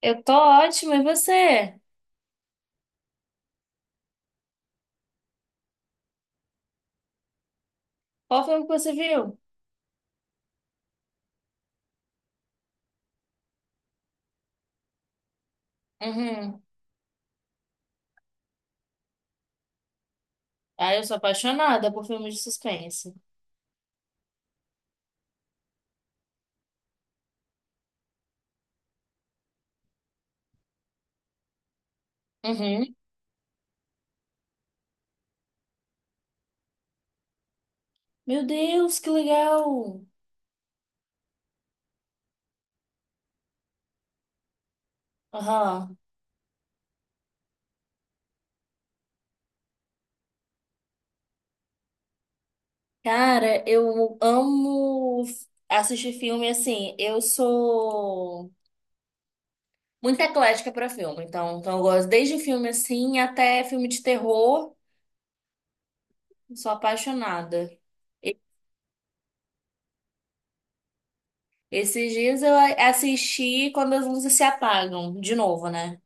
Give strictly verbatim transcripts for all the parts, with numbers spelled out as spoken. Eu tô ótima, e você? Qual filme que você viu? Uhum. Ah, eu sou apaixonada por filmes de suspense. Uhum. Meu Deus, que legal! Aham. Cara, eu amo f- assistir filme assim. Eu sou muito eclética pra filme, então, então eu gosto desde filme assim até filme de terror. Sou apaixonada. E- Esses dias eu a- assisti Quando as Luzes Se Apagam, de novo, né?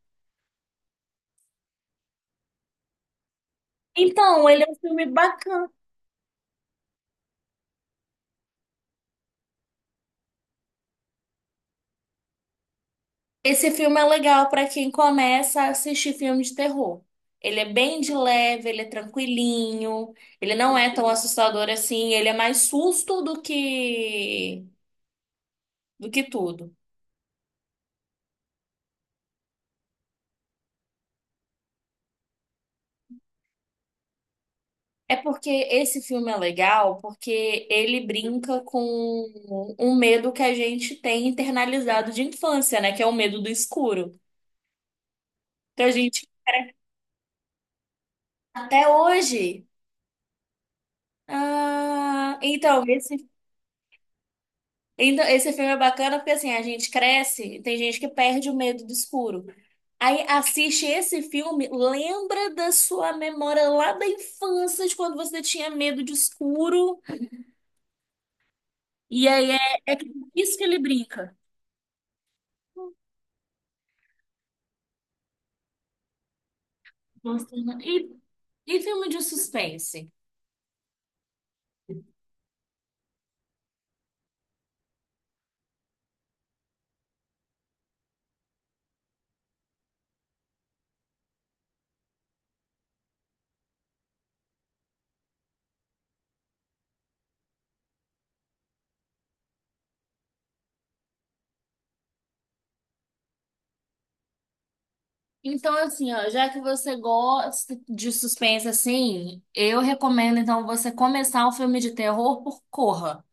Então, ele é um filme bacana. Esse filme é legal para quem começa a assistir filme de terror. Ele é bem de leve, ele é tranquilinho, ele não é tão assustador assim, ele é mais susto do que do que tudo. É porque esse filme é legal porque ele brinca com um medo que a gente tem internalizado de infância, né, que é o medo do escuro. Então a gente até hoje, ah, então esse. Então, esse filme é bacana porque assim, a gente cresce, tem gente que perde o medo do escuro. Aí assiste esse filme, lembra da sua memória lá da infância, de quando você tinha medo de escuro. E aí é, é isso que ele brinca. E, e filme de suspense? Então, assim, ó, já que você gosta de suspense assim, eu recomendo então você começar um filme de terror por Corra.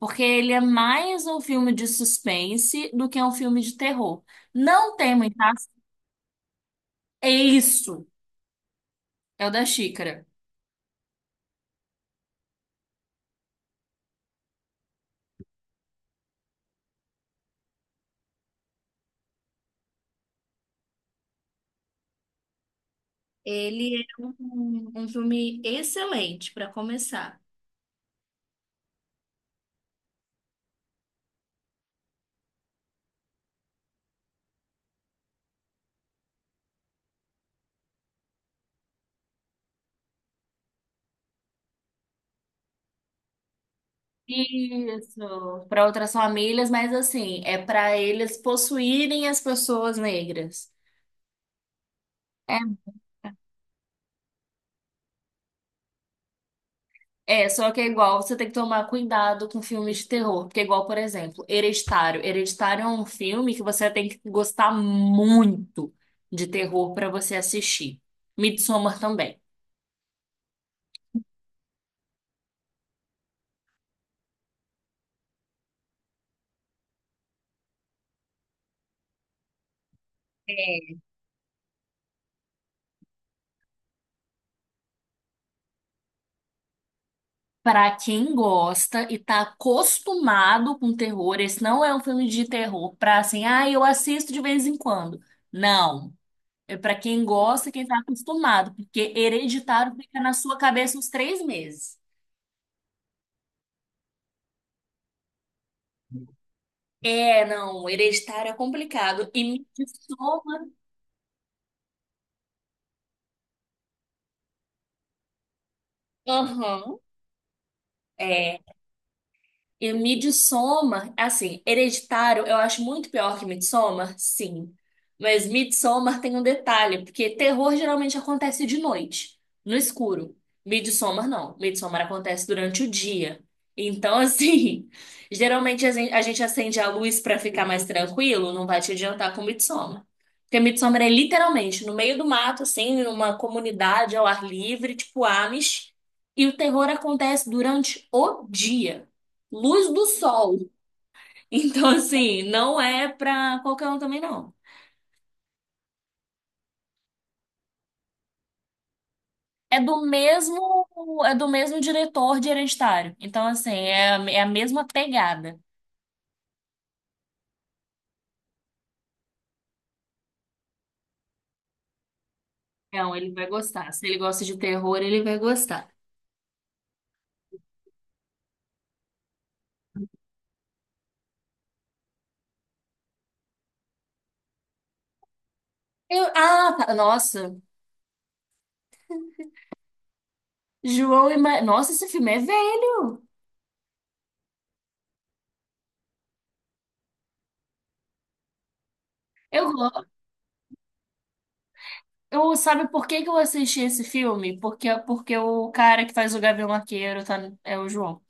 Porque ele é mais um filme de suspense do que um filme de terror. Não tem muita ação. É isso. É o da xícara. Ele é um, um filme excelente para começar. Isso. Para outras famílias, mas assim, é para eles possuírem as pessoas negras. É, É, só que é igual, você tem que tomar cuidado com filmes de terror, porque é igual, por exemplo, Hereditário. Hereditário é um filme que você tem que gostar muito de terror pra você assistir. Midsommar também. Pra quem gosta e tá acostumado com terror, esse não é um filme de terror pra assim, ah, eu assisto de vez em quando. Não. É pra quem gosta e quem tá acostumado, porque Hereditário fica na sua cabeça uns três meses. É, não, Hereditário é complicado. E me soma. Aham. É. E Midsommar, assim, Hereditário, eu acho muito pior que Midsommar, sim. Mas Midsommar tem um detalhe, porque terror geralmente acontece de noite, no escuro. Midsommar não. Midsommar acontece durante o dia. Então, assim, geralmente a gen- a gente acende a luz pra ficar mais tranquilo, não vai te adiantar com Midsommar. Porque Midsommar é literalmente no meio do mato, assim, numa comunidade ao ar livre, tipo Amish, e o terror acontece durante o dia. Luz do sol. Então, assim, não é pra qualquer um também, não. É do mesmo, é do mesmo diretor de Hereditário. Então, assim, é, a- é a mesma pegada. Então, ele vai gostar. Se ele gosta de terror, ele vai gostar. Eu, ah, tá, nossa. João e Ma... Nossa, esse filme é velho. Eu, go- eu sabe por que que eu assisti esse filme? Porque porque o cara que faz o Gavião Arqueiro tá, é o João.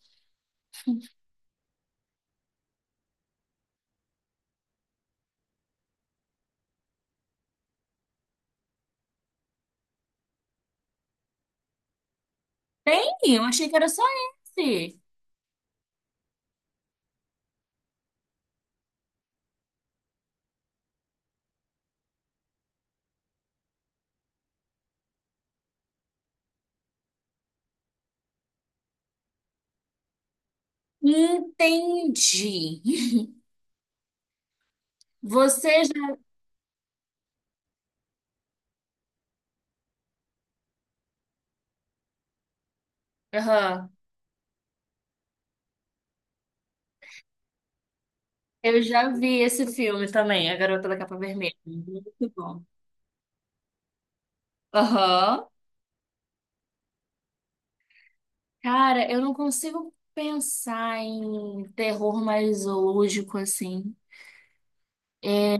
Tem? Eu achei que era só esse. Entendi. Você já... Aham. Eu já vi esse filme também, A Garota da Capa Vermelha. Muito bom. Aham. Cara, eu não consigo pensar em terror mais zoológico assim. É... é,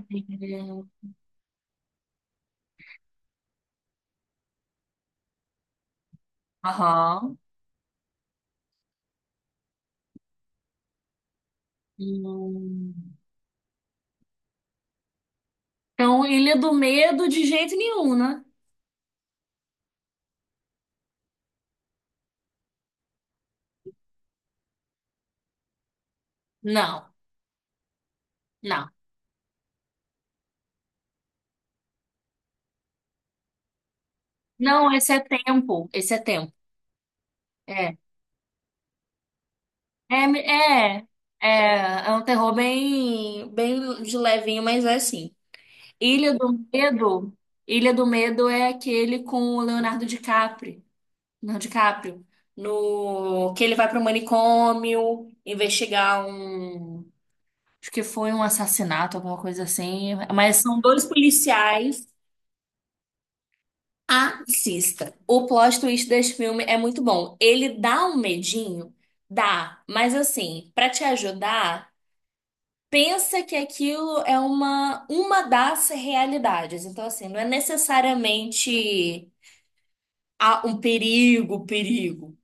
Aham. Hum. Então, Ilha do Medo de jeito nenhum, né? Não, não. Não, esse é Tempo. Esse é Tempo. É. É, é, é, é um terror bem, bem de levinho, mas é assim. Ilha do Medo, Ilha do Medo é aquele com o Leonardo DiCaprio, Leonardo DiCaprio, no que ele vai para o manicômio investigar um, acho que foi um assassinato, alguma coisa assim, mas são dois policiais. Assista. O plot twist desse filme é muito bom. Ele dá um medinho, dá, mas assim, para te ajudar, pensa que aquilo é uma uma das realidades. Então assim, não é necessariamente a- um perigo, perigo.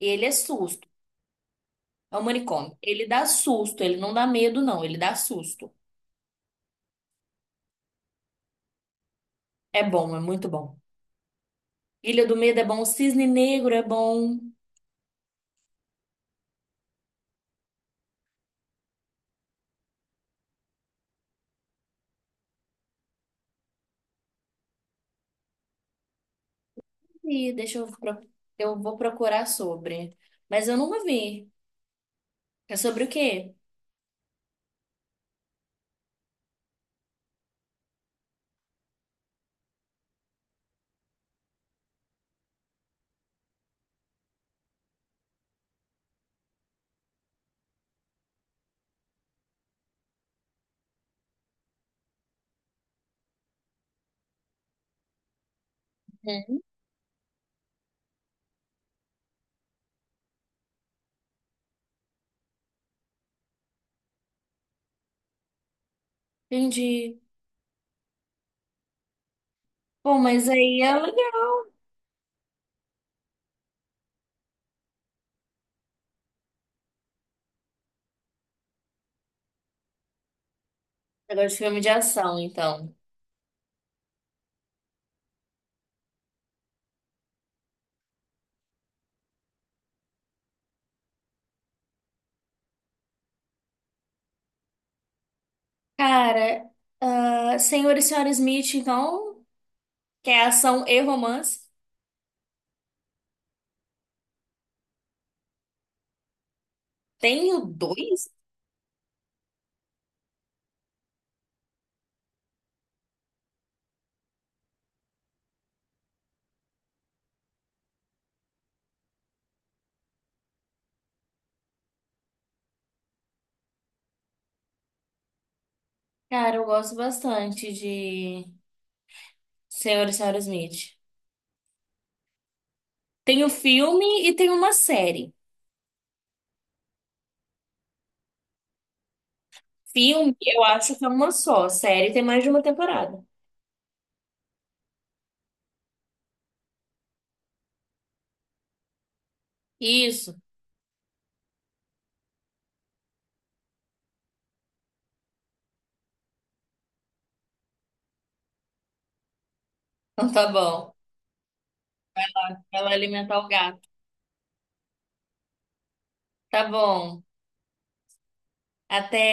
Ele é susto. É um manicômio. Ele dá susto, ele não dá medo, não. Ele dá susto. É bom, é muito bom. Ilha do Medo é bom, Cisne Negro é bom. E deixa eu, pro- eu vou procurar sobre. Mas eu nunca vi. É sobre o quê? Hum. Entendi. Bom, mas aí é legal. Agora de filme de ação, então. Cara, ah, Senhor e Senhora Smith, então, que é ação e romance. Tenho dois? Cara, eu gosto bastante de Senhor e Senhora Smith. Tem o filme e tem uma série. Filme, eu acho que é uma só. Série tem mais de uma temporada. Isso. Então tá bom. Ela alimentar o gato. Tá bom. Até.